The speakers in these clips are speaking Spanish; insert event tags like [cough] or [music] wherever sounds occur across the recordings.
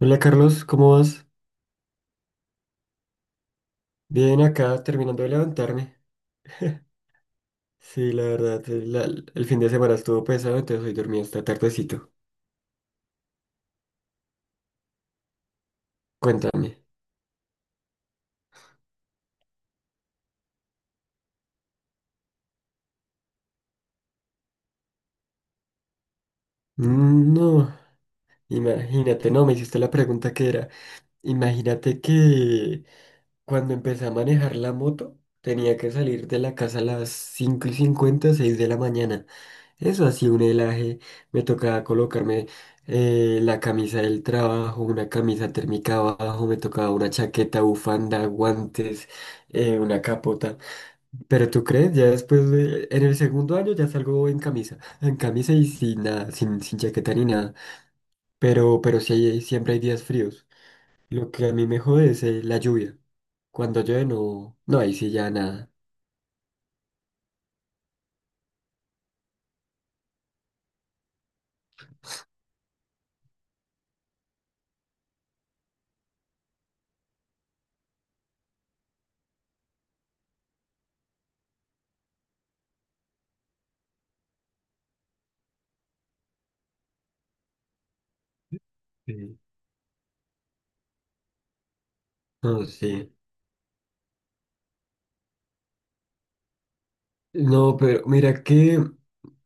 Hola, Carlos, ¿cómo vas? Bien acá, terminando de levantarme. [laughs] Sí, la verdad, el fin de semana estuvo pesado, entonces hoy dormí hasta tardecito. Cuéntame. Mm, no, imagínate, no, me hiciste la pregunta que era. Imagínate que cuando empecé a manejar la moto, tenía que salir de la casa a las 5:50, 6 de la mañana. Eso así, un helaje. Me tocaba colocarme la camisa del trabajo, una camisa térmica abajo, me tocaba una chaqueta, bufanda, guantes, una capota. Pero tú crees, ya después, en el segundo año ya salgo en camisa y sin nada, sin chaqueta ni nada. Pero sí, siempre hay días fríos. Lo que a mí me jode es la lluvia. Cuando llueve no, ahí sí ya nada. Sí. No, sí. No, pero mira que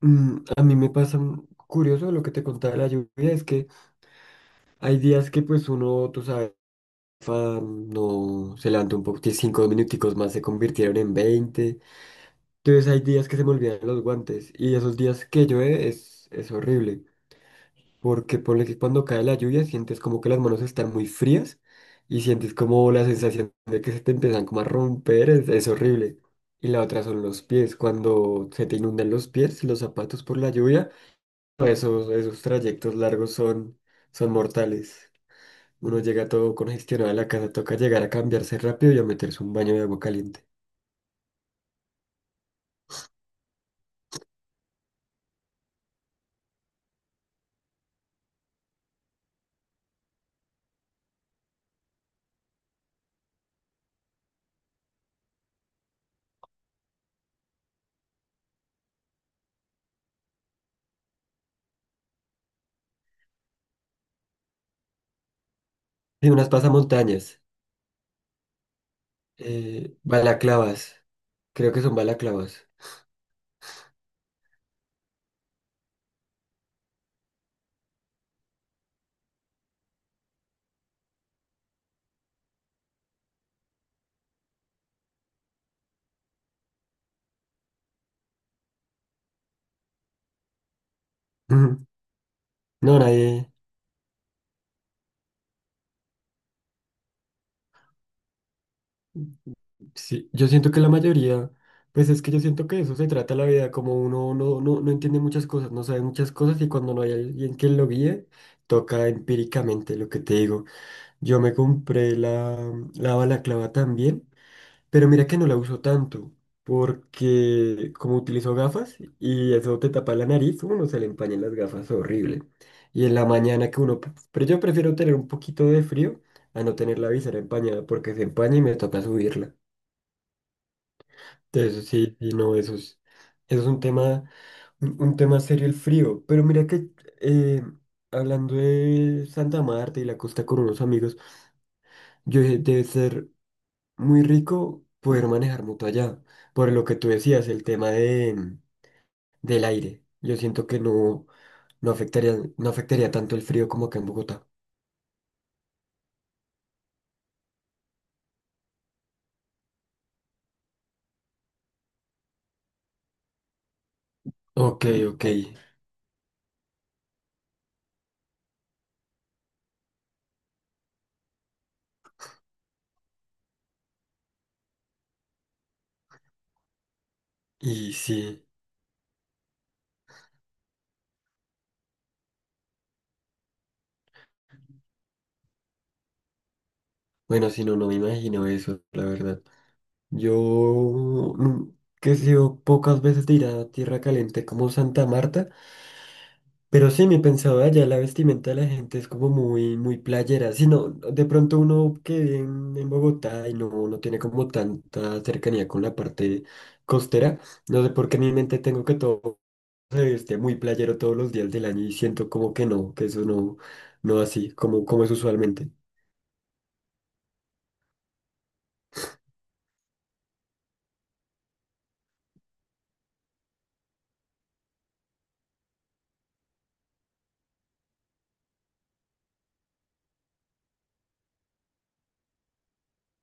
A mí me pasa curioso lo que te contaba de la lluvia, es que hay días que pues uno, tú sabes, no se levanta un poco, que cinco minuticos más se convirtieron en veinte, entonces hay días que se me olvidan los guantes y esos días que llueve es horrible, porque ponle que cuando cae la lluvia sientes como que las manos están muy frías y sientes como la sensación de que se te empiezan como a romper, es horrible. Y la otra son los pies, cuando se te inundan los pies, los zapatos por la lluvia. No, esos, esos trayectos largos son mortales. Uno llega todo congestionado a la casa, toca llegar a cambiarse rápido y a meterse un baño de agua caliente. Y unas pasamontañas, balaclavas, creo que son balaclavas. [laughs] Ujú. No, nadie, sí, yo siento que la mayoría, pues es que yo siento que de eso se trata la vida, como uno no, no entiende muchas cosas, no sabe muchas cosas y cuando no hay alguien que lo guíe, toca empíricamente lo que te digo. Yo me compré la balaclava también. Pero mira que no la uso tanto, porque como utilizo gafas y eso te tapa la nariz, uno se le empañan las gafas horrible. Y en la mañana que uno... Pero yo prefiero tener un poquito de frío a no tener la visera empañada, porque se empaña y me toca subirla. Entonces sí, y no, eso es un tema, un tema serio el frío. Pero mira que eh, hablando de Santa Marta y la costa con unos amigos, yo dije, debe ser muy rico poder manejar moto allá. Por lo que tú decías, el tema de, mm, del aire. Yo siento que no, no afectaría, no afectaría tanto el frío como acá en Bogotá. Ok, ok. Y sí, bueno, si no, no me imagino eso, la verdad. Yo nu- que he sido pocas veces de ir a tierra caliente como Santa Marta. Pero sí, mi pensado allá, la vestimenta de la gente es como muy, muy playera. Si no, de pronto uno que vive en Bogotá y no, no tiene como tanta cercanía con la parte costera, no sé por qué en mi mente tengo que todo se viste muy playero todos los días del año y siento como que no, que eso no, no así, como, como es usualmente.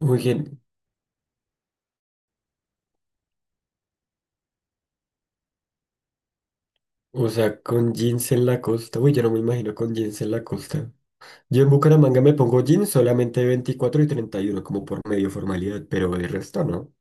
Muy bien, o sea, con jeans en la costa, uy, yo no me imagino con jeans en la costa. Yo en Bucaramanga me pongo jeans solamente 24 y 31 como por medio formalidad, pero de resto no.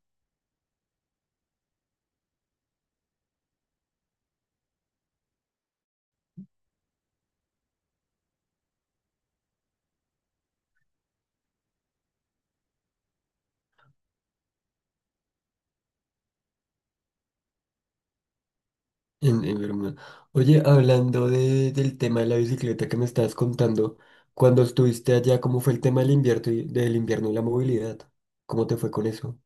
En Bermuda. Oye, hablando de, del tema de la bicicleta que me estabas contando, cuando estuviste allá, ¿cómo fue el tema del invierno y la movilidad? ¿Cómo te fue con eso?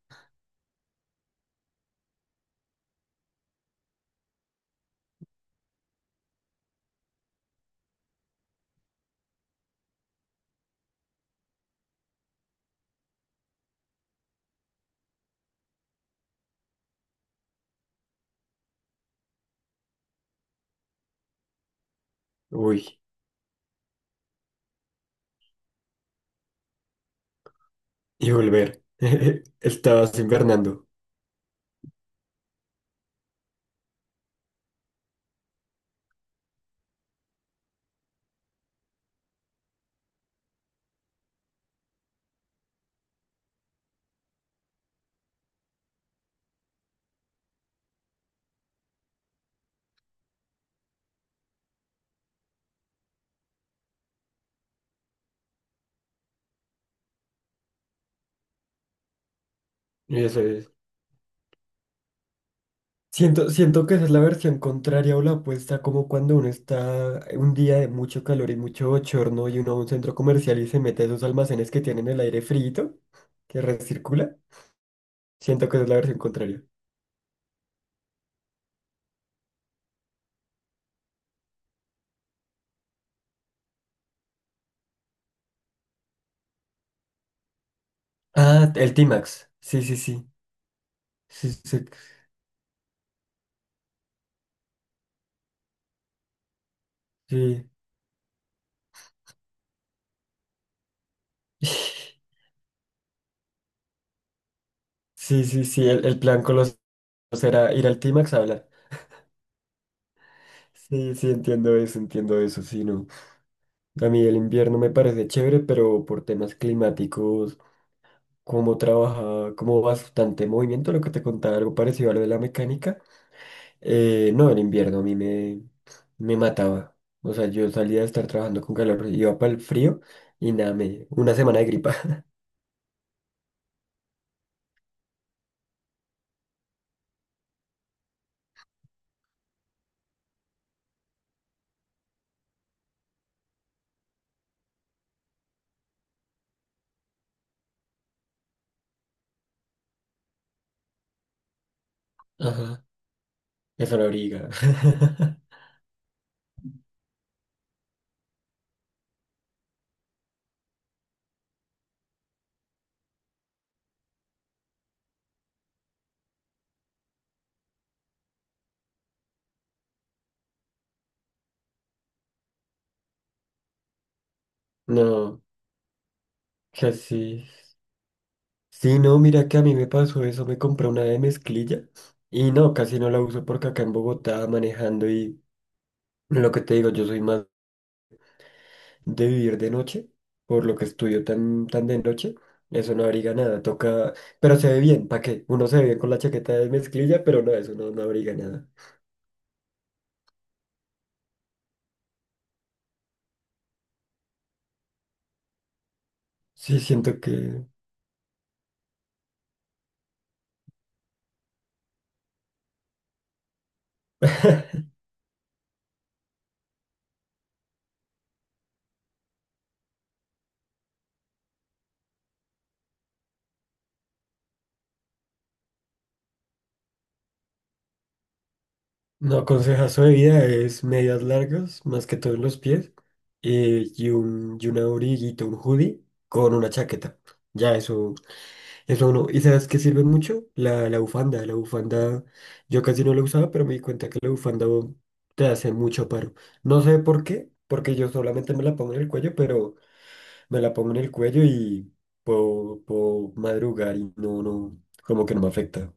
Uy, y volver. [laughs] Estabas invernando. Eso es. Siento, siento que esa es la versión contraria o la opuesta, como cuando uno está un día de mucho calor y mucho bochorno y uno va a un centro comercial y se mete a esos almacenes que tienen el aire frito, que recircula. Siento que esa es la versión contraria. Ah, el T-Max. Sí, sí, sí. Sí, sí, sí. [laughs] Sí, sí, sí, el plan con los dos era ir al T-Max a hablar. Sí, sí, entiendo eso, sí, no. A mí el invierno me parece chévere, pero por temas climáticos, como trabaja, como bastante movimiento, lo que te contaba, algo parecido a lo de la mecánica, no, el invierno a mí me mataba. O sea, yo salía de estar trabajando con calor, iba para el frío y nada, me, una semana de gripa. [laughs] Ajá, eso la briga. [laughs] No, casi. Sí, no, mira que a mí me pasó eso, me compré una de mezclilla y no, casi no la uso porque acá en Bogotá manejando y lo que te digo, yo soy más de vivir de noche, por lo que estudio tan, tan de noche, eso no abriga nada, toca, pero se ve bien, ¿para qué? Uno se ve bien con la chaqueta de mezclilla, pero no, eso no, no abriga nada. Sí, siento que no, consejazo de vida es medias largas, más que todo en los pies, y un, y una abriguito, un hoodie con una chaqueta, ya eso. Eso no. ¿Y sabes qué sirve mucho? La bufanda. La bufanda, yo casi no la usaba, pero me di cuenta que la bufanda oh, te hace mucho paro. No sé por qué, porque yo solamente me la pongo en el cuello, pero me la pongo en el cuello y puedo, puedo madrugar y no, no, como que no me afecta.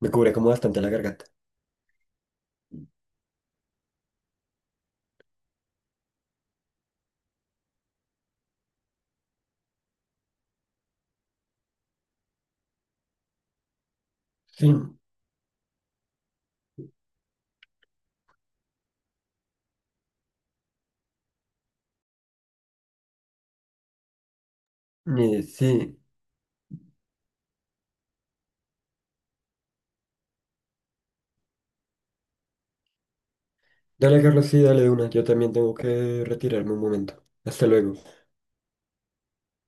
Me cubre como bastante la garganta. Sí, sí. Dale, Carlos, sí, dale de una. Yo también tengo que retirarme un momento. Hasta luego.